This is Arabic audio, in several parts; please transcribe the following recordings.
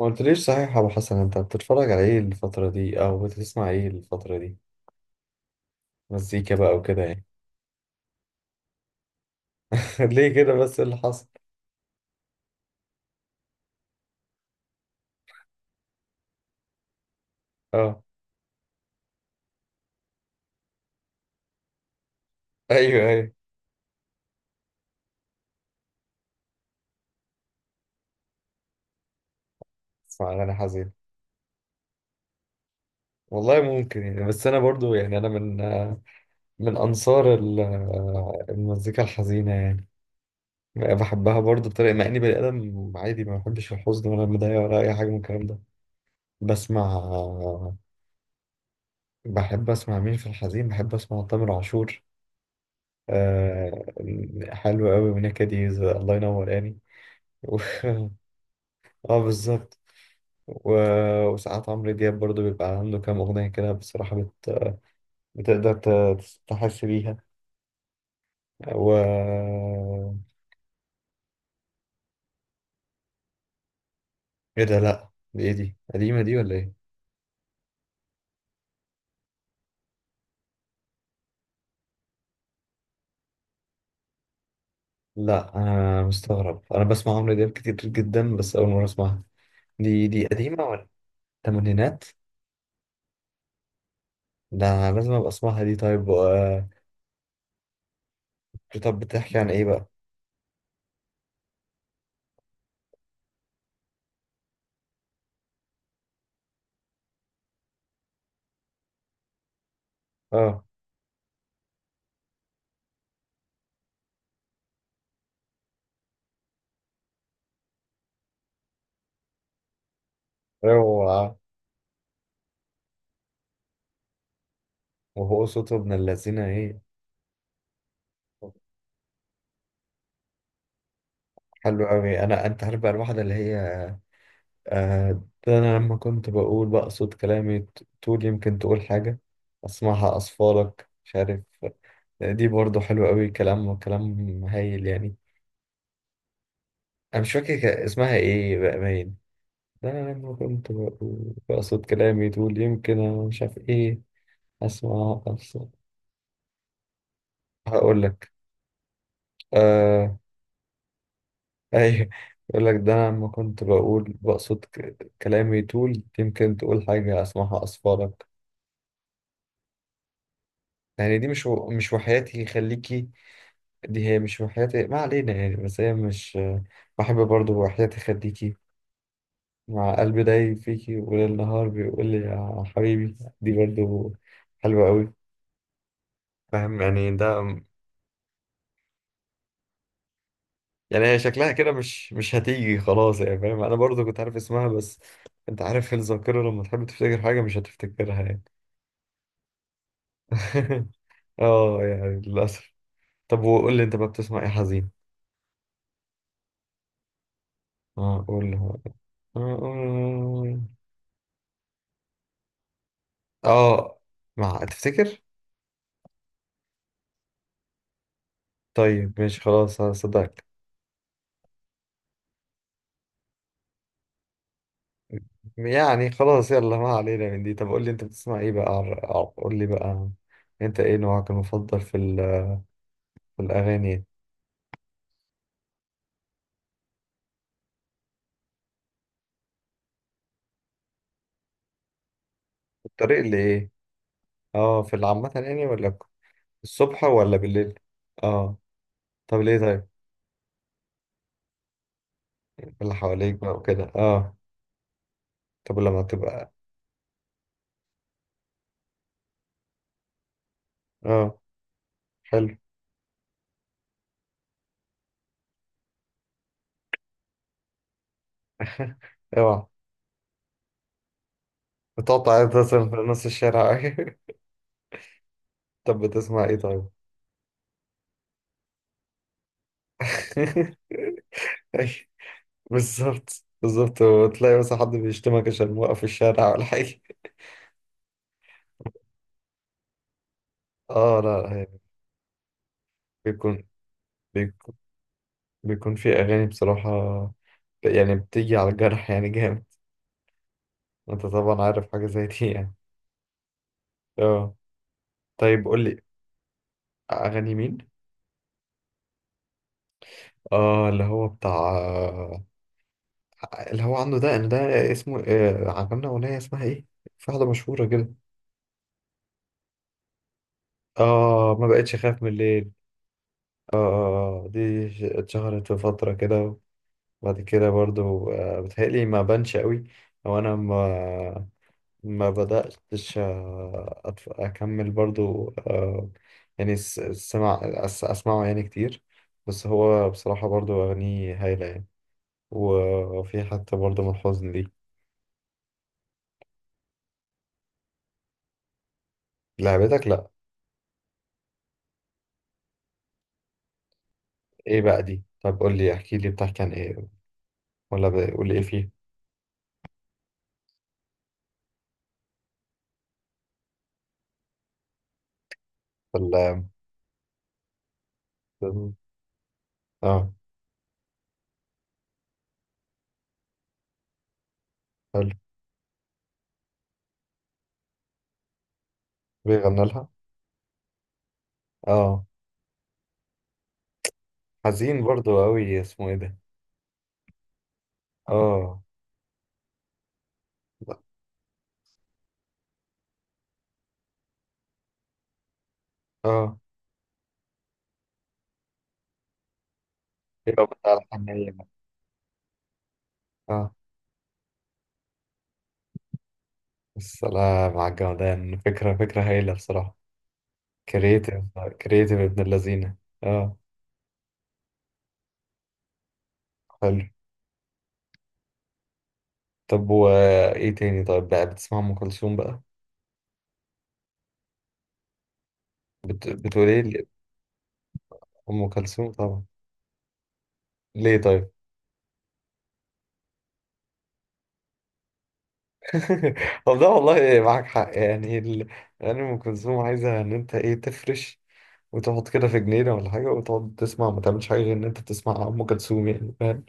ما قلتليش صحيح يا ابو حسن، انت بتتفرج على ايه الفترة دي او بتسمع ايه الفترة دي؟ مزيكا بقى وكده يعني. ليه كده بس؟ إيه اللي حصل؟ اه، ايوه ايوه، اسمع اغاني حزين. والله ممكن يعني، بس انا برضو يعني انا من من انصار المزيكا الحزينة يعني. بحبها برضو بطريقة، مع اني بني ادم عادي ما بحبش الحزن ولا المضايقة ولا اي حاجة من الكلام ده. بسمع بحب اسمع مين في الحزين، بحب اسمع تامر عاشور. آه. حلو قوي، ونكديز، الله ينور يعني. و- اه، بالظبط. و- وساعات عمرو دياب برضو بيبقى عنده كام أغنية كده بصراحة بتقدر تحس بيها. و ايه ده؟ لأ، دي ايه؟ دي قديمة دي ولا ايه؟ لأ، أنا مستغرب، أنا بسمع عمرو دياب كتير جدا بس أول مرة أسمعها. دي قديمة ولا؟ تمانينات؟ ده أنا لازم أبقى أسمعها دي، طيب. طب بتحكي عن ايه بقى؟ اه. اوعى! وهو صوته ابن اللذينة ايه! حلو قوي. انا، انت عارف بقى الواحدة اللي هي آه ده انا لما كنت بقول بقى، صوت كلامي تقول يمكن تقول حاجة، اسمعها اصفالك، مش عارف. دي برضو حلوة قوي، كلام كلام هايل يعني. انا مش فاكر كان اسمها ايه بقى، باين. ده انا لما كنت بقول بقى، صوت كلامي تقول يمكن، انا مش عارف ايه، اسمعها اصفالك. هقول لك آه، ايوه. يقول لك ده انا لما كنت بقول بقصد كلامي طول يمكن تقول حاجة، اسمعها اصفارك. يعني دي مش وحياتي خليكي. دي هي مش وحياتي، ما علينا يعني، بس هي مش. بحب برضو وحياتي خليكي، مع قلبي داي فيكي وليل نهار بيقول لي يا حبيبي، دي برضو حلوة قوي. فاهم يعني ده. يعني هي شكلها كده مش هتيجي خلاص يعني، فاهم، انا برضو كنت عارف اسمها بس. انت عارف الذاكرة لما تحب تفتكر حاجة مش هتفتكرها يعني. اه يعني للأسف. طب وقول لي انت بقى، بتسمع ايه حزين؟ اه، قول لي. اه، قول. آه، مع تفتكر. طيب ماشي خلاص، هصدقك. يعني خلاص يلا، ما علينا من دي. طب قول لي انت بتسمع ايه بقى، قول لي بقى. انت ايه نوعك المفضل في الاغاني؟ الطريق اللي ايه؟ اه، في العامة يعني ولا؟ الصبح ولا بالليل؟ اه. طب ليه طيب؟ إيه اللي حواليك بقى وكده؟ اه. طب لما تبقى. اه. حلو. اوعى! بتقعد تعيط مثلا في نص الشارع؟ طب بتسمع ايه طيب؟ أي، بالظبط بالظبط، وتلاقي مثلا حد بيشتمك عشان موقف في الشارع ولا حاجة. اه، لا لا، يعني. بيكون بيكون بيكون في أغاني بصراحة، يعني بتيجي على الجرح يعني جامد، وانت طبعا عارف حاجة زي دي يعني. اه. طيب قول لي. أغاني مين؟ اه، اللي هو بتاع، اللي هو عنده، ده اسمه عملنا أغنية اسمها ايه؟ في واحدة مشهورة كده. اه، ما بقتش اخاف من الليل. اه اه، دي اتشهرت في فترة كده. وبعد كده برضو بتهيألي ما بانش قوي، او انا ما بدأتش اكمل برضو. يعني اسمعه يعني كتير، بس هو بصراحة برضو اغانيه هايلة يعني، وفي حتى برضو من الحزن دي. لعبتك؟ لا. ايه بقى دي؟ طب قول لي، احكي لي، بتحكي عن ايه؟ ولا قول لي ايه فيه. ولا؟ اه. حلو. بيغنى لها. اه، حزين برضو أوي، اسمه إيه ده؟ آه. آه، يبقى بتاع الحنية ده. آه، السلام على الجمدان! فكرة، فكرة هايلة بصراحة. كرييتيف. كرييتيف ابن اللذينة. آه. حلو. طب وإيه تاني طيب؟ بقى بتسمع أم كلثوم بقى؟ بتقول إيه. أم كلثوم طبعا. ليه طيب؟ طب ده والله معاك حق، يعني. يعني أم كلثوم عايزة إن أنت إيه، تفرش وتقعد كده في جنينة ولا حاجة وتقعد تسمع، ما تعملش حاجة غير إن أنت تسمع أم كلثوم، يعني فاهم؟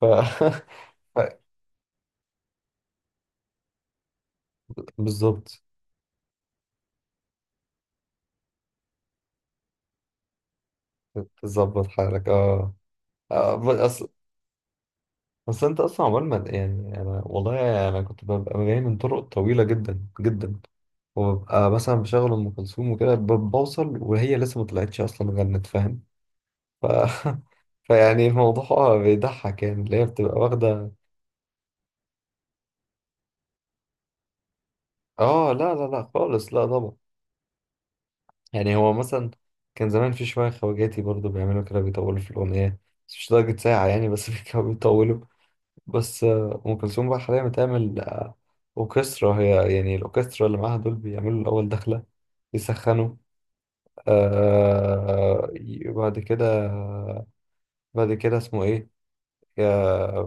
ف... ف- بالظبط. تظبط حالك، اه. بس اصل، بس انت اصلا عمال، ما يعني انا، والله انا كنت ببقى جاي من طرق طويله جدا جدا، وببقى مثلا بشغل ام كلثوم وكده بوصل وهي لسه ما طلعتش اصلا غنت، فاهم. ف فيعني الموضوع بيضحك يعني، اللي هي بتبقى واخده. اه، لا لا لا خالص، لا طبعا. يعني هو مثلا كان زمان في شويه خواجاتي برضو بيعملوا كده، بيطولوا في الاغنيه، بس مش لدرجه ساعه يعني، بس كانوا بيطولوا. بس أم كلثوم بقى حاليا بتعمل أوركسترا، هي يعني الأوركسترا اللي معاها دول بيعملوا الأول دخلة، يسخنوا. آه، بعد كده، بعد كده اسمه إيه، يا-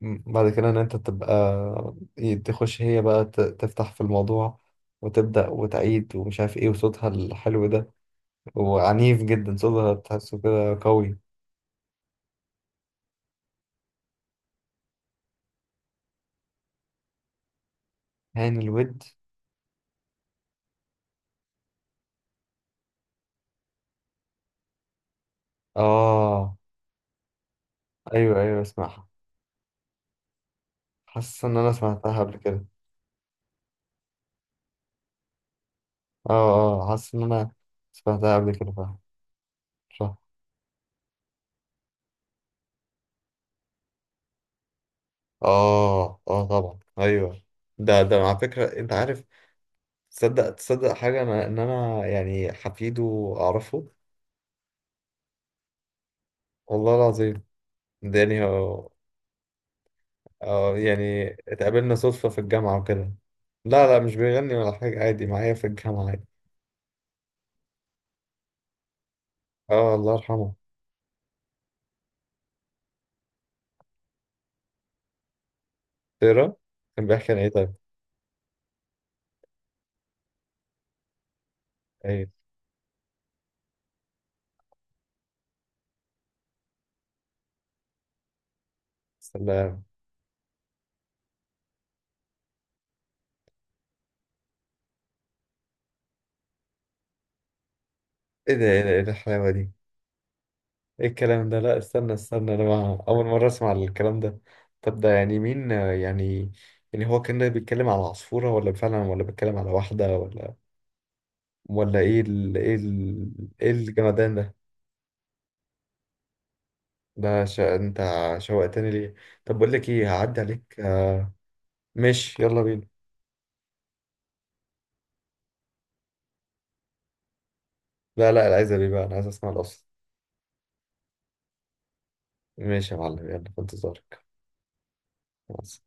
بعد كده إن أنت تبقى، تخش هي بقى تفتح في الموضوع، وتبدأ وتعيد ومش عارف إيه، وصوتها الحلو ده وعنيف جدا صوتها، تحسه كده قوي. هاني الود. آه، أيوه أيوه، اسمعها. حاسس إن أنا سمعتها قبل كده. اه اه، حاسس ان انا سمعتها قبل كده، فاهم. صح. اه اه، طبعا ايوه. ده على فكره، انت عارف. تصدق حاجه، انا انا يعني حفيده اعرفه. والله العظيم. داني هو. اه، يعني اتقابلنا صدفه في الجامعه وكده. لا لا، مش بيغني ولا حاجه، عادي معايا في الجامعه عادي. اه، الله يرحمه. ترى. كان بيحكي عن ايه طيب؟ ايه. سلام. ايه ده! ايه ده! ايه الحلاوه دي! ايه الكلام ده! لا، استنى استنى، انا اول مره اسمع الكلام ده. طب ده يعني مين يعني، يعني هو كان بيتكلم على عصفوره ولا فعلا، ولا بيتكلم على واحده ولا، ولا ايه ايه. ايه الجمدان ده! انت شوقتني ليه. طب بقول لك ايه، هعدي عليك. ماشي يلا بينا. لا لا، انا عايز ابي بقى، انا عايز اسمع الاصل. ماشي يا معلم، يلا في انتظارك. خلاص.